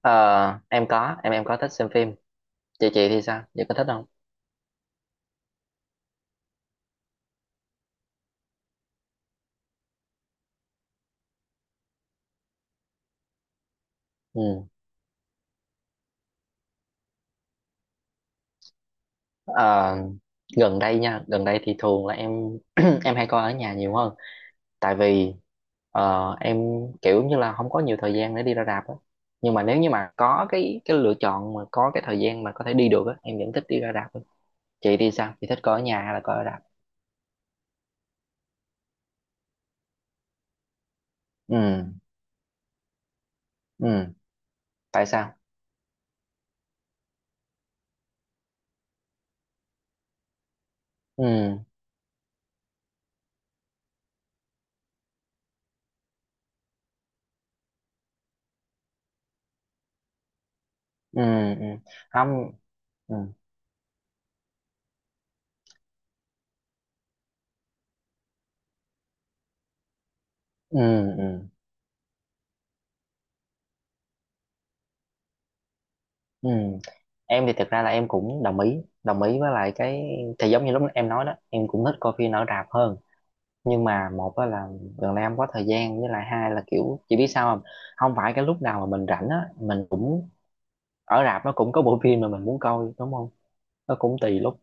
Ờ, em có thích xem phim. Chị thì sao, chị có thích không? Ừ. Ờ, gần đây thì thường là em hay coi ở nhà nhiều hơn, tại vì em kiểu như là không có nhiều thời gian để đi ra rạp á. Nhưng mà nếu như mà có cái lựa chọn mà có cái thời gian mà có thể đi được á, em vẫn thích đi ra rạp hơn. Chị thì sao, chị thích coi ở nhà hay là coi ở rạp? Ừ, ừ. Tại sao? Ừ, ừ, ừ. Không. Ừ, ừ, ừ. Ừ. Em thì thực ra là em cũng đồng ý với lại cái, thì giống như lúc em nói đó, em cũng thích coi phim ở rạp hơn. Nhưng mà một á là gần đây em có thời gian, với lại hai là kiểu chị biết sao không, không phải cái lúc nào mà mình rảnh á mình cũng ở rạp nó cũng có bộ phim mà mình muốn coi, đúng không? Nó cũng tùy lúc.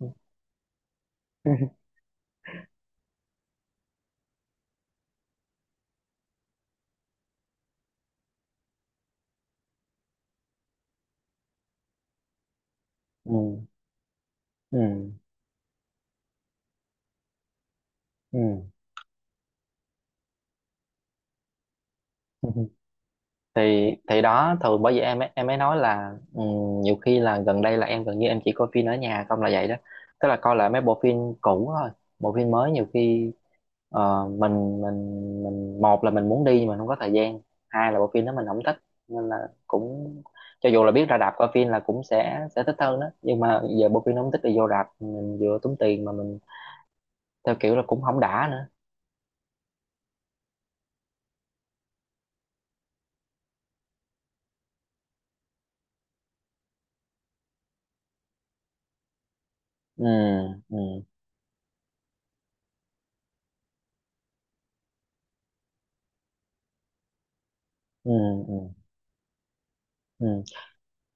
Ừ, ừ, ừ. Thì đó, thường bởi vì em ấy nói là, nhiều khi là gần đây là em gần như em chỉ coi phim ở nhà không, là vậy đó. Tức là coi lại mấy bộ phim cũ thôi. Bộ phim mới nhiều khi ờ, mình mình mình một là mình muốn đi nhưng mà không có thời gian, hai là bộ phim đó mình không thích, nên là cũng, cho dù là biết ra rạp coi phim là cũng sẽ thích hơn đó, nhưng mà giờ bộ phim nó không thích thì vô rạp mình vừa tốn tiền mà mình theo kiểu là cũng không đã nữa. Ừ, ừ, ừ, ừ, ừ.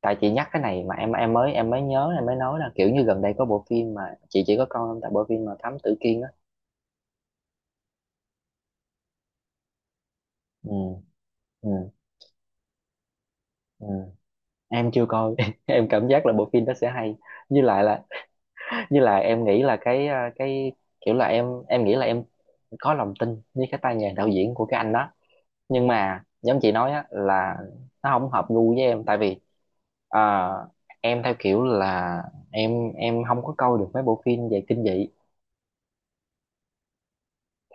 Tại chị nhắc cái này mà em mới nhớ, em mới nói là kiểu như gần đây có bộ phim mà chị chỉ có coi không, tại bộ phim mà Thám Tử Kiên á. Ừ, ừ, ừ. Em chưa coi. Em cảm giác là bộ phim đó sẽ hay, như lại là, như là em nghĩ là cái kiểu là em nghĩ là em có lòng tin với cái tay nghề đạo diễn của cái anh đó. Nhưng mà giống chị nói á là nó không hợp gu với em, tại vì à, em theo kiểu là em không có coi được mấy bộ phim về kinh dị.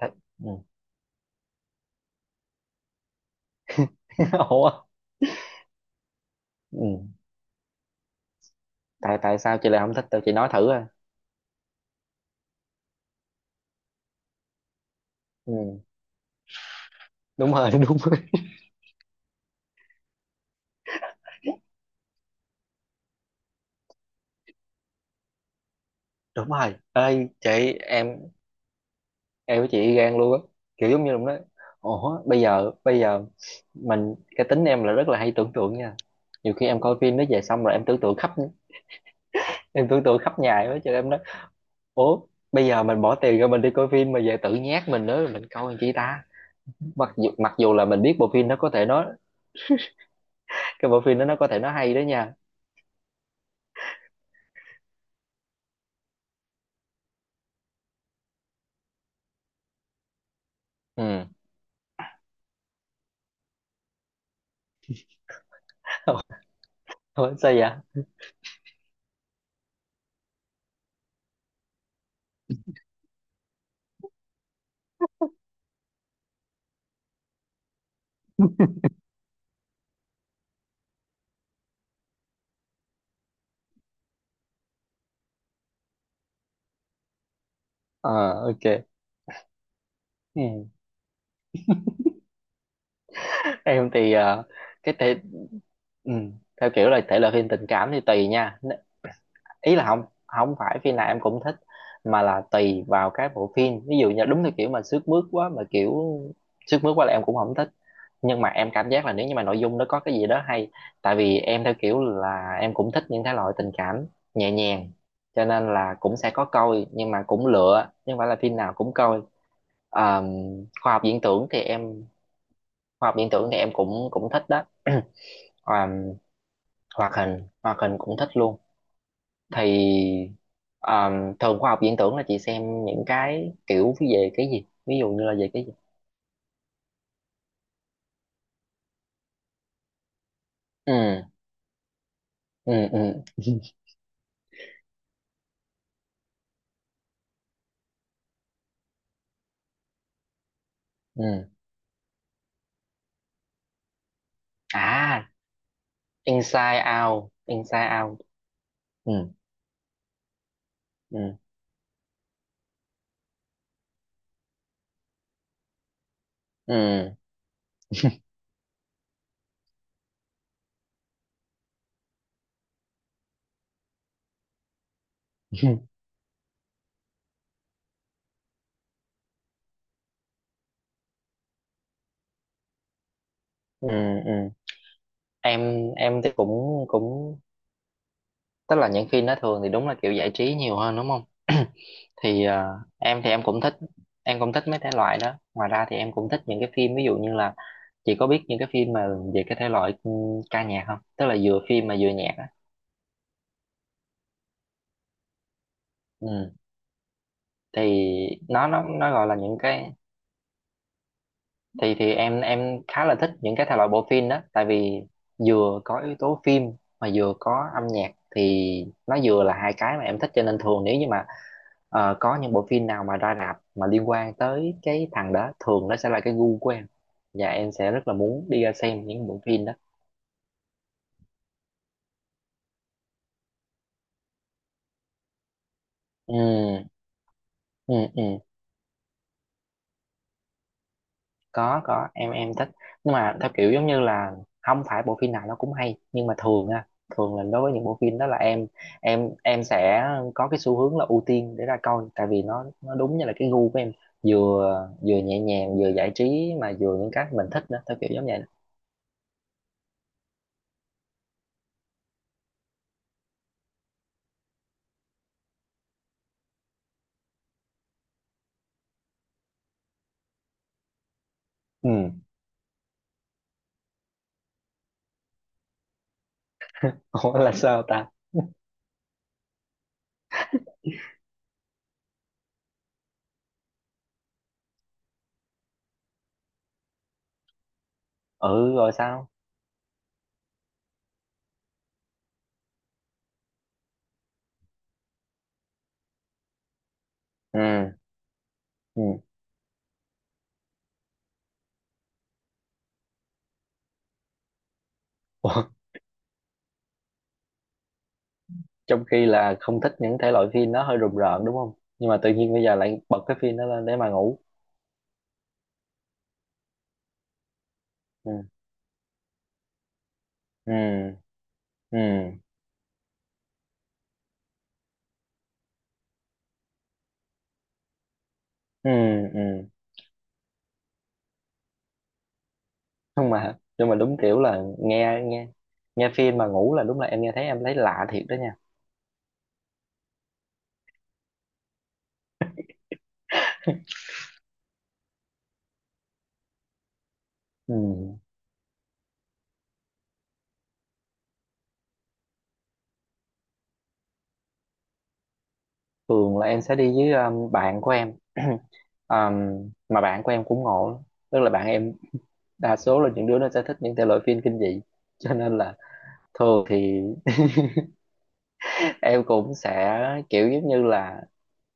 Thế- ừ. Ủa? Ừ. tại tại sao chị lại không thích tôi, chị nói thử à? Ừ. Đúng rồi. Đúng rồi, đúng rồi ơi chị. Em em với chị gan luôn á, kiểu giống như lúc đó. Ủa, bây giờ mình, cái tính em là rất là hay tưởng tượng nha. Nhiều khi em coi phim nó về xong rồi em tưởng tượng khắp nhà đó, cho em nói. Ủa, bây giờ mình bỏ tiền ra mình đi coi phim mà về tự nhát mình nữa, mình coi làm chi ta? Mặc dù là mình biết bộ phim nó có thể nói, cái bộ phim đó nó có thể nó hay đó nha. Ừ. Ủa, sao vậy? Ờ, ok. Ừ. Em thì cái thể ừ, theo kiểu là thể loại phim tình cảm thì tùy nha. Ý là không không phải phim nào em cũng thích, mà là tùy vào cái bộ phim, ví dụ như đúng theo kiểu mà sướt mướt quá là em cũng không thích. Nhưng mà em cảm giác là nếu như mà nội dung nó có cái gì đó hay, tại vì em theo kiểu là em cũng thích những thể loại tình cảm nhẹ nhàng, cho nên là cũng sẽ có coi nhưng mà cũng lựa, nhưng phải là phim nào cũng coi. Ờ, khoa học viễn tưởng thì em khoa học viễn tưởng thì em cũng cũng thích đó. À, hoạt hình cũng thích luôn. Thì à, thường khoa học viễn tưởng là chị xem những cái kiểu về cái gì, ví dụ như là về cái gì? Ừ, ừ, ừ, ừ. À, Inside Out, Inside Out. Ừ, ừ, ừ. Ừ, ừ. Em thì cũng cũng, tức là những phim đó thường thì đúng là kiểu giải trí nhiều hơn đúng không? thì à, em thì em cũng thích mấy thể loại đó, ngoài ra thì em cũng thích những cái phim, ví dụ như là chị có biết những cái phim mà về cái thể loại ca nhạc không, tức là vừa phim mà vừa nhạc á? Ừ. Thì nó gọi là những cái. Thì em khá là thích những cái thể loại bộ phim đó, tại vì vừa có yếu tố phim mà vừa có âm nhạc, thì nó vừa là hai cái mà em thích, cho nên thường nếu như mà có những bộ phim nào mà ra rạp mà liên quan tới cái thằng đó, thường nó sẽ là cái gu của em. Và em sẽ rất là muốn đi ra xem những bộ phim đó. Ừ, ừ, ừ. Có, em thích. Nhưng mà theo kiểu giống như là không phải bộ phim nào nó cũng hay, nhưng mà thường á, thường là đối với những bộ phim đó là em sẽ có cái xu hướng là ưu tiên để ra coi, tại vì nó đúng như là cái gu của em. Vừa vừa nhẹ nhàng vừa giải trí mà vừa những cái mình thích nữa, theo kiểu giống vậy đó. Ừ. Ủa, là sao ta? Ừ, rồi sao? Ừ, ừ. Ủa, trong khi là không thích những thể loại phim nó hơi rùng rợn đúng không? Nhưng mà tự nhiên bây giờ lại bật cái phim đó lên để mà ngủ? Ừ, ừ, ừ, ừ, ừ. Không, mà nhưng mà đúng kiểu là nghe nghe nghe phim mà ngủ là, đúng là em nghe thấy em thấy lạ thiệt đó nha. Ừ. Thường là em sẽ đi với bạn của em. Mà bạn của em cũng ngộ lắm. Tức là bạn em đa số là những đứa nó sẽ thích những thể loại phim kinh dị. Cho nên là thường thì em cũng sẽ, kiểu giống như là,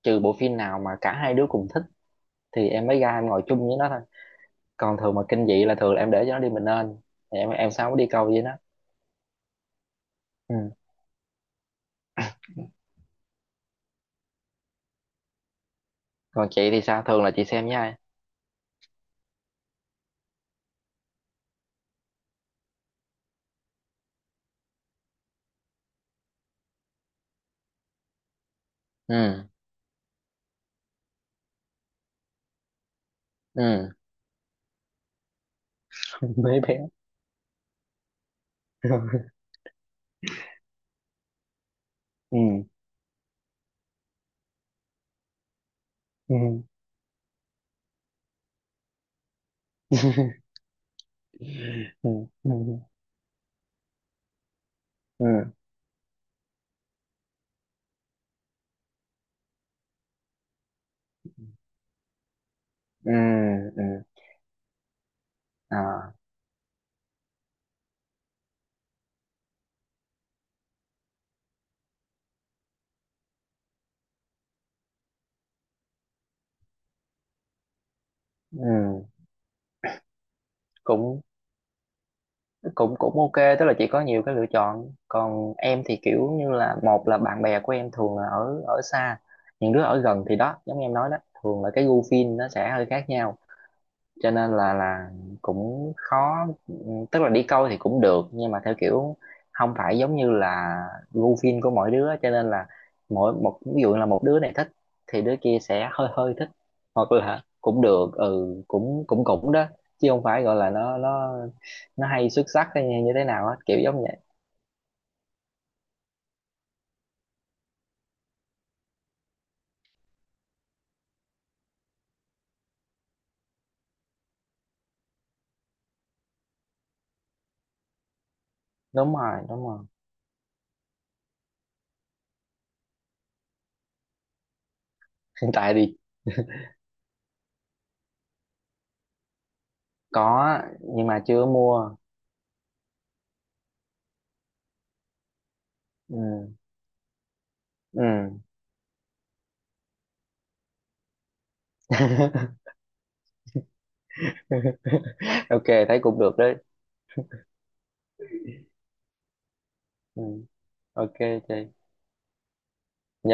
trừ bộ phim nào mà cả hai đứa cùng thích thì em mới ra em ngồi chung với nó thôi. Còn thường mà kinh dị là thường là em để cho nó đi mình nên, thì em sao mới đi câu với nó. Ừ. Còn chị thì sao, thường là chị xem với ai? Ừ, ừ. Mấy bé. Ừ, ừ. Ừ, ừ, ừ, ừ, ừ. À, ừ, cũng cũng cũng ok. Tức là chị có nhiều cái lựa chọn, còn em thì kiểu như là một là bạn bè của em thường là ở ở xa. Những đứa ở gần thì đó, giống như em nói đó, thường là cái gu phim nó sẽ hơi khác nhau, cho nên là cũng khó. Tức là đi câu thì cũng được, nhưng mà theo kiểu không phải giống như là gu phim của mỗi đứa, cho nên là mỗi một, ví dụ là một đứa này thích thì đứa kia sẽ hơi hơi thích, hoặc là cũng được, ừ, cũng cũng cũng đó. Chứ không phải gọi là nó hay xuất sắc hay như thế nào á, kiểu giống vậy. Đúng rồi, đúng rồi. Hiện tại thì có nhưng mà chưa mua. Ừ, ừ. Ok, thấy cũng được đấy. Ừ. Ok, chị.